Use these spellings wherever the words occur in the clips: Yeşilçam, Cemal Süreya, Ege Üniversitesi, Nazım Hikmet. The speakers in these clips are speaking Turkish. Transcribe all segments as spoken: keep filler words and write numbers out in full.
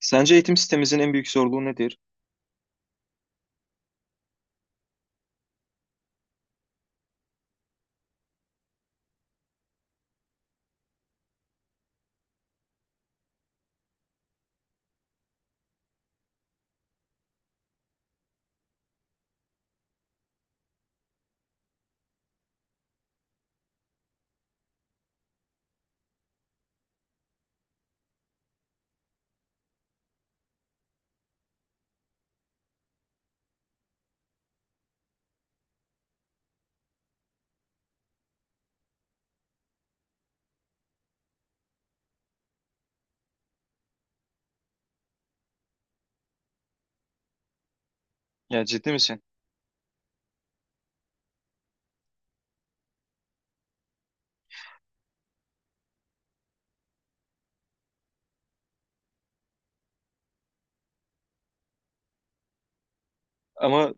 Sence eğitim sistemimizin en büyük zorluğu nedir? Ya ciddi misin? Ama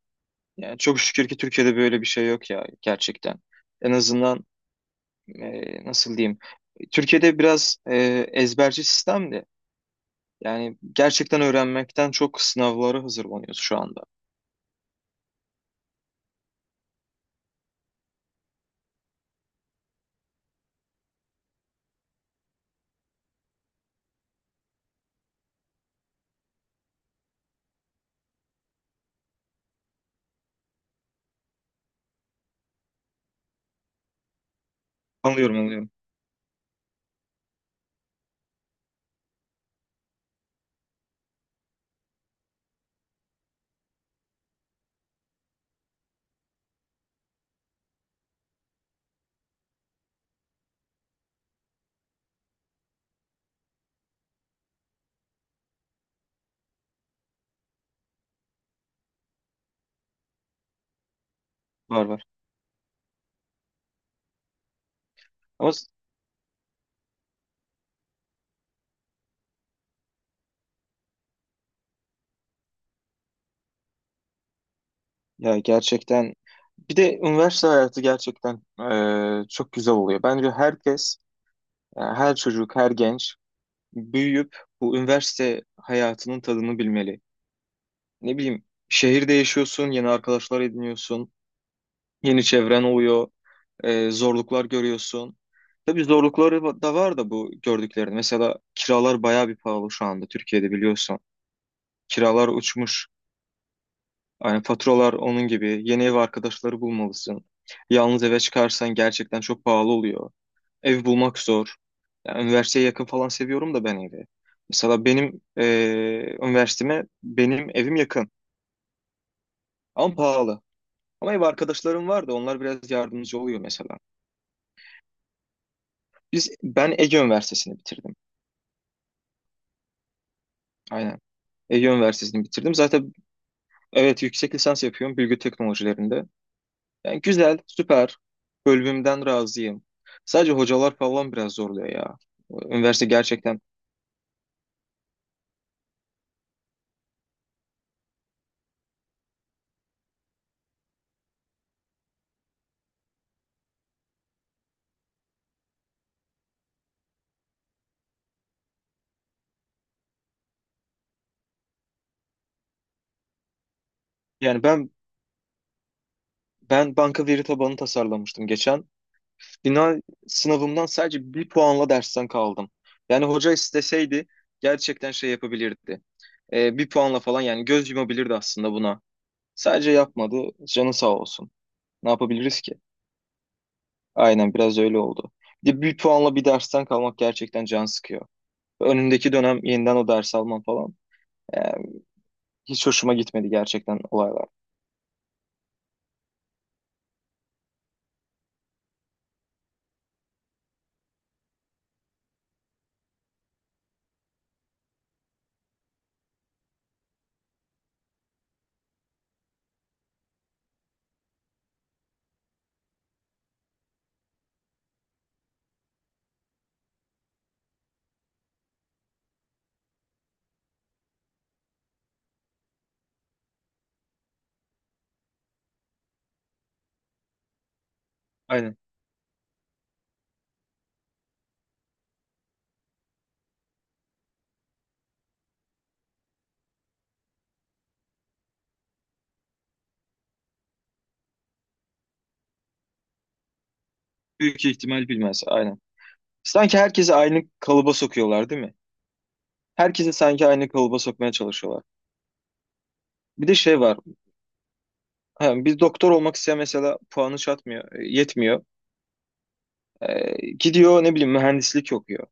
yani çok şükür ki Türkiye'de böyle bir şey yok ya gerçekten. En azından e, nasıl diyeyim? Türkiye'de biraz e, ezberci sistemdi. Yani gerçekten öğrenmekten çok sınavlara hazırlanıyoruz şu anda. Anlıyorum anlıyorum. Var var. Ama s- Ya gerçekten bir de üniversite hayatı gerçekten e, çok güzel oluyor. Bence herkes, yani her çocuk, her genç büyüyüp bu üniversite hayatının tadını bilmeli. Ne bileyim, şehirde yaşıyorsun, yeni arkadaşlar ediniyorsun, yeni çevren oluyor, e, zorluklar görüyorsun. Tabii zorlukları va- da var da bu gördüklerin. Mesela kiralar bayağı bir pahalı şu anda Türkiye'de biliyorsun. Kiralar uçmuş. Yani faturalar onun gibi. Yeni ev arkadaşları bulmalısın. Yalnız eve çıkarsan gerçekten çok pahalı oluyor. Ev bulmak zor. Yani üniversiteye yakın falan seviyorum da ben evi. Mesela benim eee üniversiteme benim evim yakın ama pahalı. Ama ev arkadaşlarım vardı. Onlar biraz yardımcı oluyor mesela. Biz ben Ege Üniversitesi'ni bitirdim. Aynen. Ege Üniversitesi'ni bitirdim. Zaten evet yüksek lisans yapıyorum bilgi teknolojilerinde. Yani güzel, süper. Bölümümden razıyım. Sadece hocalar falan biraz zorluyor ya. Üniversite gerçekten. Yani ben ben banka veri tabanı tasarlamıştım geçen. Final sınavımdan sadece bir puanla dersten kaldım. Yani hoca isteseydi gerçekten şey yapabilirdi. Ee, bir puanla falan yani göz yumabilirdi aslında buna. Sadece yapmadı. Canı sağ olsun. Ne yapabiliriz ki? Aynen, biraz öyle oldu. Bir de bir puanla bir dersten kalmak gerçekten can sıkıyor. Önündeki dönem yeniden o ders almam falan. Yani hiç hoşuma gitmedi gerçekten olaylar. Aynen. Büyük ihtimal bilmez. Aynen. Sanki herkesi aynı kalıba sokuyorlar, değil mi? Herkesi sanki aynı kalıba sokmaya çalışıyorlar. Bir de şey var. Biz bir doktor olmak isteyen mesela puanı çatmıyor, e, yetmiyor. E, gidiyor ne bileyim mühendislik okuyor.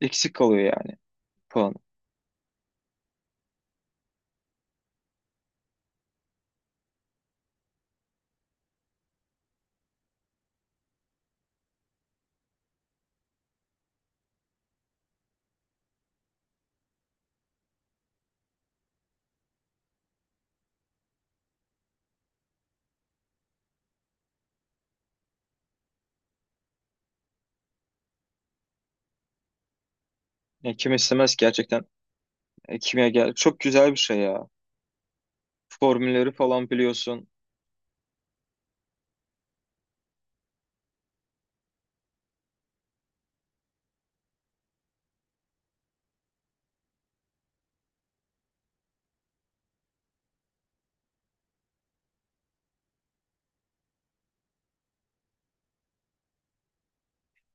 Eksik kalıyor yani puanı. Yani kim istemez ki gerçekten? E, kimyager çok güzel bir şey ya. Formülleri falan biliyorsun.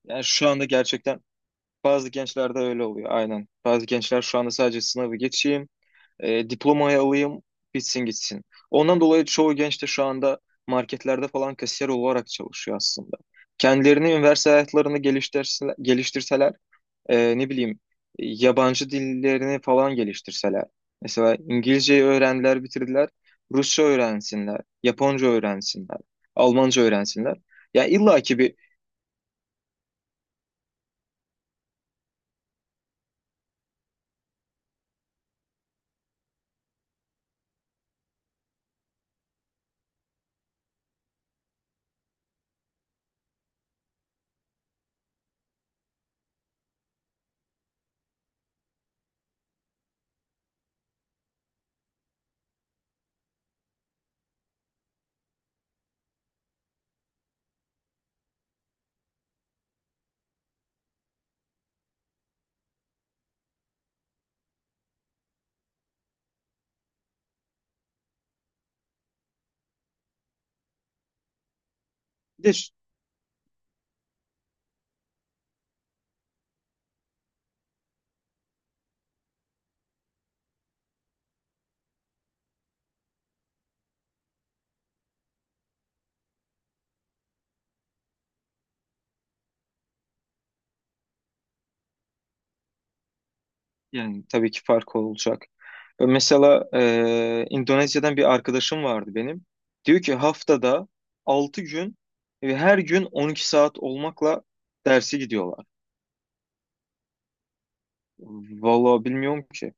Yani şu anda gerçekten bazı gençlerde öyle oluyor aynen. Bazı gençler şu anda sadece sınavı geçeyim, e, diplomayı alayım, bitsin gitsin. Ondan dolayı çoğu genç de şu anda marketlerde falan kasiyer olarak çalışıyor aslında. Kendilerini üniversite hayatlarını geliştirse, geliştirseler, e, ne bileyim, yabancı dillerini falan geliştirseler. Mesela İngilizceyi öğrendiler, bitirdiler. Rusça öğrensinler, Japonca öğrensinler, Almanca öğrensinler. Ya illaki bir bir de ş- yani tabii ki fark olacak. E, Mesela e, İndonezya'dan bir arkadaşım vardı benim. Diyor ki haftada altı gün ve her gün on iki saat olmakla dersi gidiyorlar. Vallahi bilmiyorum ki.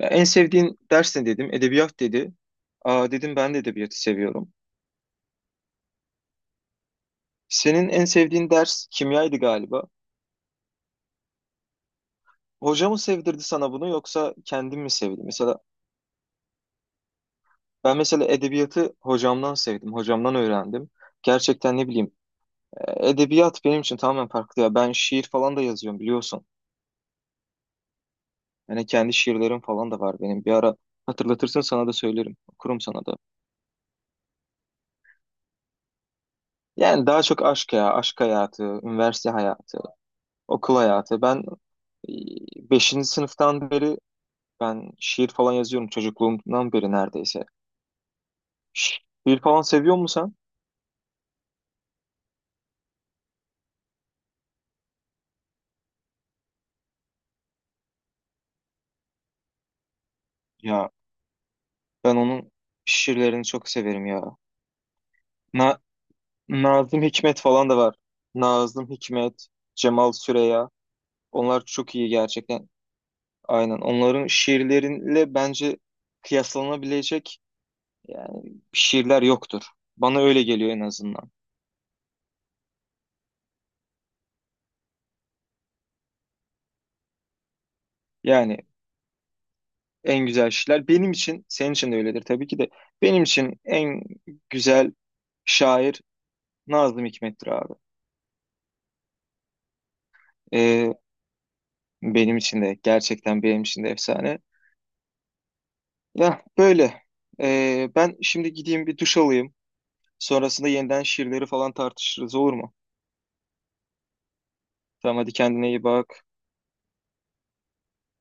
Ya, en sevdiğin ders ne dedim? Edebiyat dedi. Aa, dedim ben de edebiyatı seviyorum. Senin en sevdiğin ders kimyaydı galiba. Hoca mı sevdirdi sana bunu yoksa kendin mi sevdin? Mesela ben mesela edebiyatı hocamdan sevdim, hocamdan öğrendim. Gerçekten ne bileyim, e, edebiyat benim için tamamen farklı ya. Ben şiir falan da yazıyorum biliyorsun. Yani kendi şiirlerim falan da var benim. Bir ara hatırlatırsın, sana da söylerim. Okurum sana da. Yani daha çok aşk ya, aşk hayatı, üniversite hayatı. Okul hayatı. Ben e, beşinci sınıftan beri ben şiir falan yazıyorum çocukluğumdan beri neredeyse. Şi- Şiir falan seviyor musun sen? Ya ben onun şiirlerini çok severim ya. Na Nazım Hikmet falan da var. Nazım Hikmet, Cemal Süreya. Onlar çok iyi gerçekten. Aynen. Onların şiirleriyle bence kıyaslanabilecek yani şiirler yoktur. Bana öyle geliyor en azından. Yani en güzel şeyler. Benim için, senin için de öyledir tabii ki de. Benim için en güzel şair Nazım Hikmet'tir abi. Ee, Benim için de gerçekten benim için de efsane. Ya böyle. Ee, ben şimdi gideyim bir duş alayım. Sonrasında yeniden şiirleri falan tartışırız, olur mu? Tamam, hadi kendine iyi bak.